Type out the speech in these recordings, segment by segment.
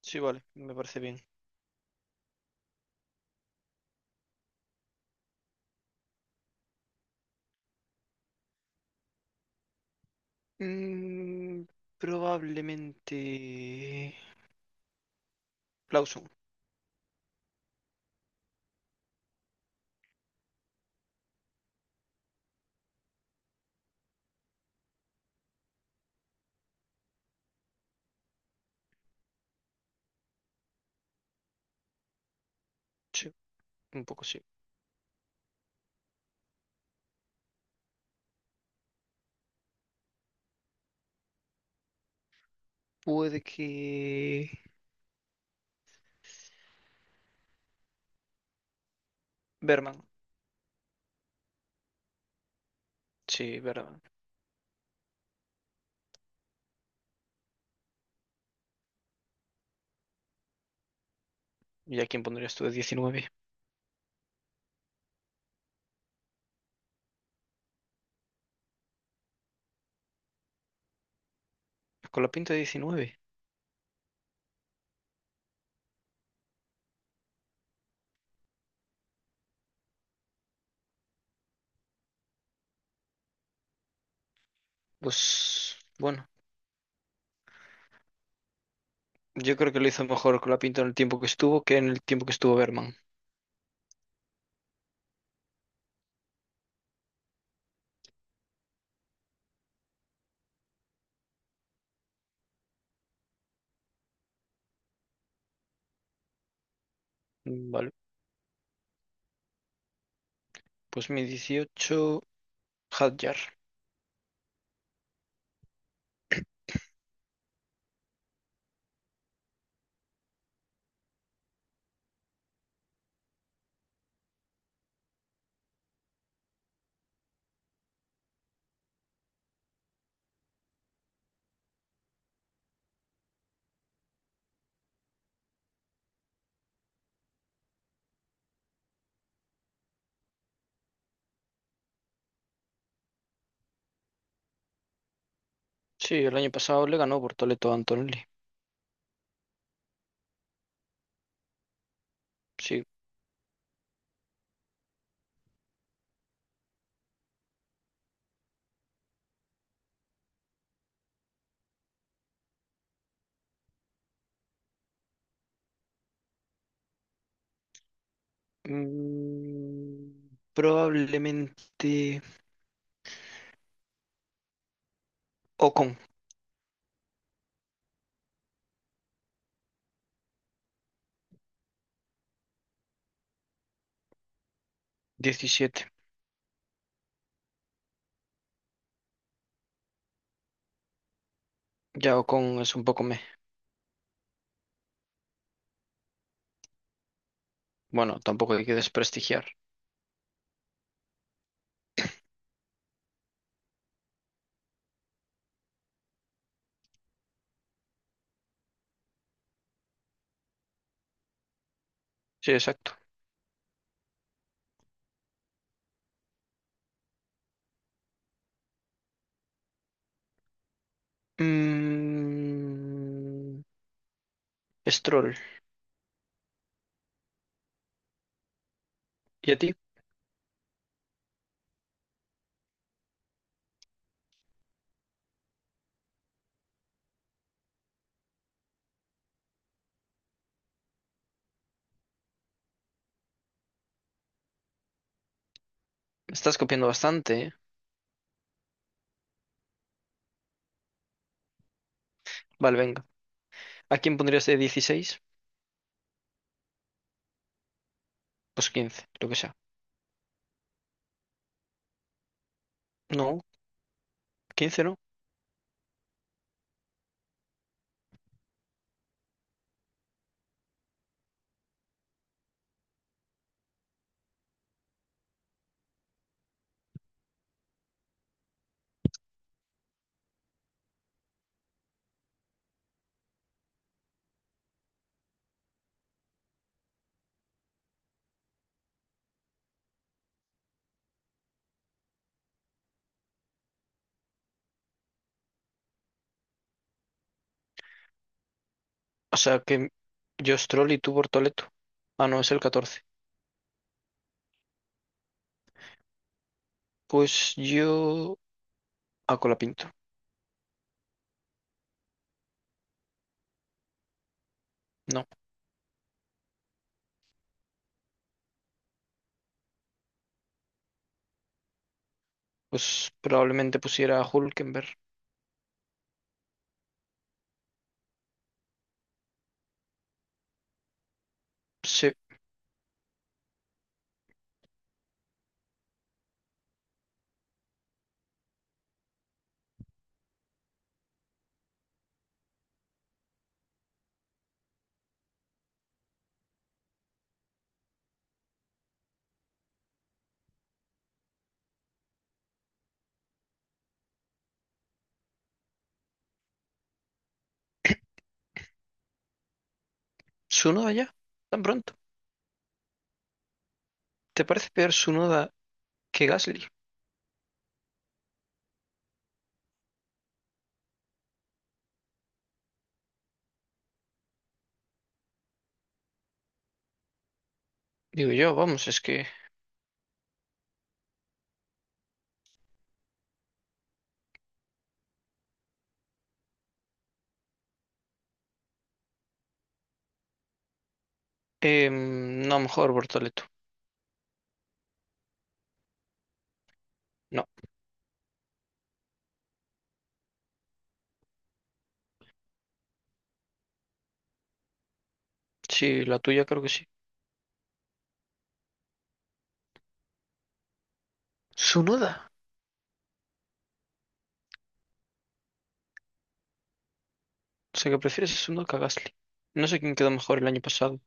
Sí, vale, me parece bien. Mm, probablemente Lawson. Sí, un poco sí. Puede que Berman, sí, Berman. ¿Y a quién pondrías tú de diecinueve? ¿Con la pinta de diecinueve? Pues bueno, yo creo que lo hizo mejor con la pinta en el tiempo que estuvo que en el tiempo que estuvo Berman. Vale, pues mi 18 Hadjar. Sí, el año pasado le ganó por Toledo a Antonelli. Sí. Probablemente Ocon, diecisiete. Ya Ocon es un poco me. Bueno, tampoco hay que desprestigiar. Sí, exacto. Mm, Stroll. ¿Y a ti? Estás copiando bastante, ¿eh? Vale, venga. ¿A quién pondrías de 16? Pues 15, lo que sea. No, quince no. O sea que yo Stroll y tú Bortoleto. Ah, no, es el 14. Pues yo a Colapinto. No, pues probablemente pusiera a Hulkenberg. Se, Tsunoda ya, tan pronto. ¿Te parece peor Tsunoda que Gasly? Digo yo, vamos, es que... no, mejor Bortoleto. No, sí, la tuya creo que sí. Tsunoda. O sea que prefieres a Tsunoda que a Gasly. No sé quién quedó mejor el año pasado.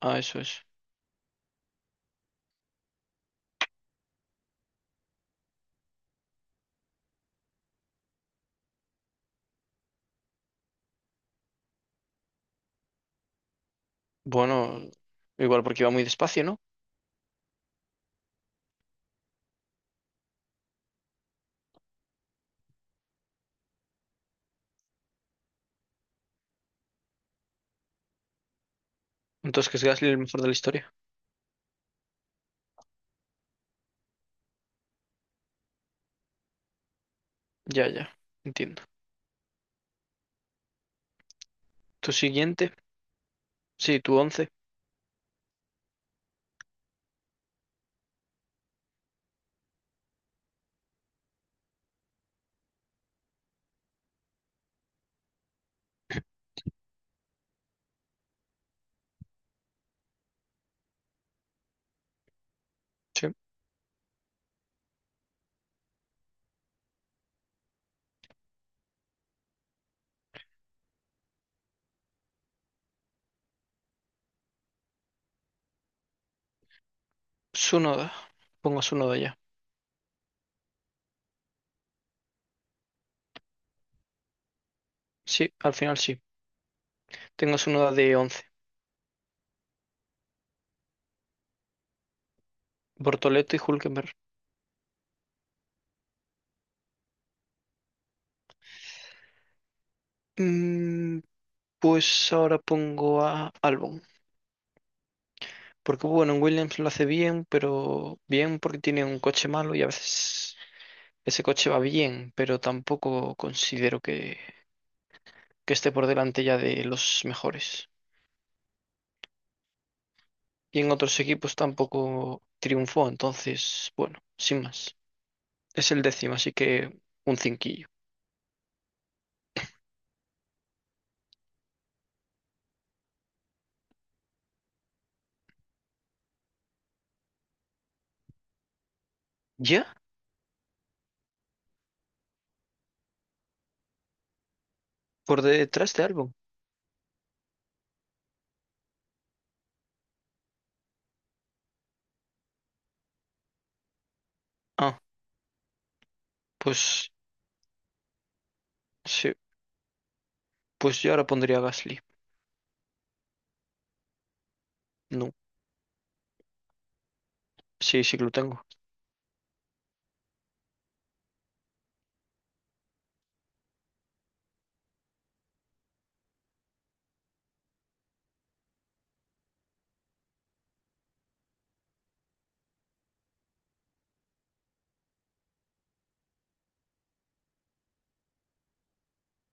Ah, eso es. Bueno, igual porque iba muy despacio, ¿no? Entonces que es Gasly el mejor de la historia. Ya, ya, entiendo. Tu siguiente, sí, tu once. Sí. Tsunoda. Pongo a Tsunoda ya. Sí, al final sí. Tengo su uno de once. Bortoleto y Hulkenberg. Mm, pues ahora pongo a Albon. Porque bueno, en Williams lo hace bien, pero bien porque tiene un coche malo y a veces ese coche va bien, pero tampoco considero que esté por delante ya de los mejores. Y en otros equipos tampoco triunfó, entonces, bueno, sin más. Es el décimo, así que un cinquillo. ¿Ya? ¿Por detrás de Albon? Ah, pues sí, pues yo ahora pondría a Gasly. No. Sí, sí que lo tengo.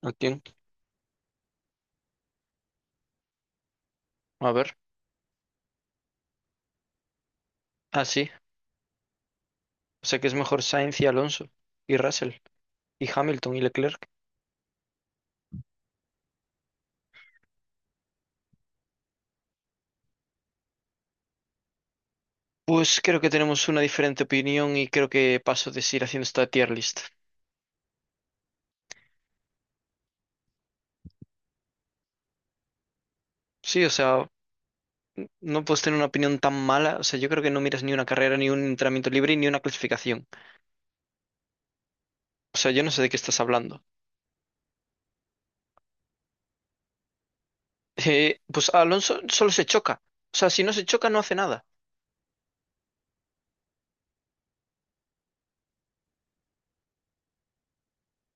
Lo a ver. Ah, sí. O sea que es mejor Sainz y Alonso. Y Russell. Y Hamilton y Leclerc. Pues creo que tenemos una diferente opinión y creo que paso de seguir haciendo esta tier list. Sí, o sea, no puedes tener una opinión tan mala. O sea, yo creo que no miras ni una carrera, ni un entrenamiento libre, ni una clasificación. O sea, yo no sé de qué estás hablando. Pues Alonso solo se choca. O sea, si no se choca, no hace nada.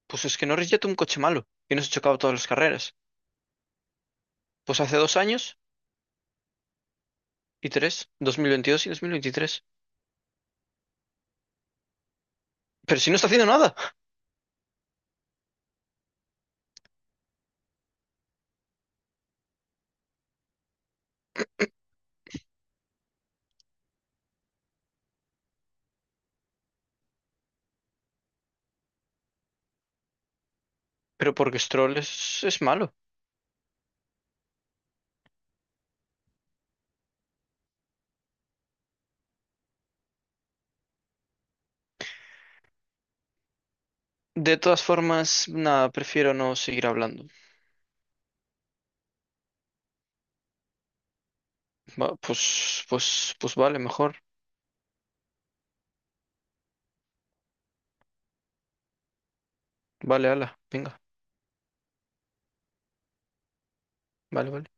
Pues es que Norris ya tuvo un coche malo y no se chocaba todas las carreras. Pues hace dos años y tres, 2022 y 2023. Pero si no está haciendo nada. Pero porque es malo. De todas formas, nada, prefiero no seguir hablando. Va, pues vale, mejor. Vale, ala, venga, vale, vale.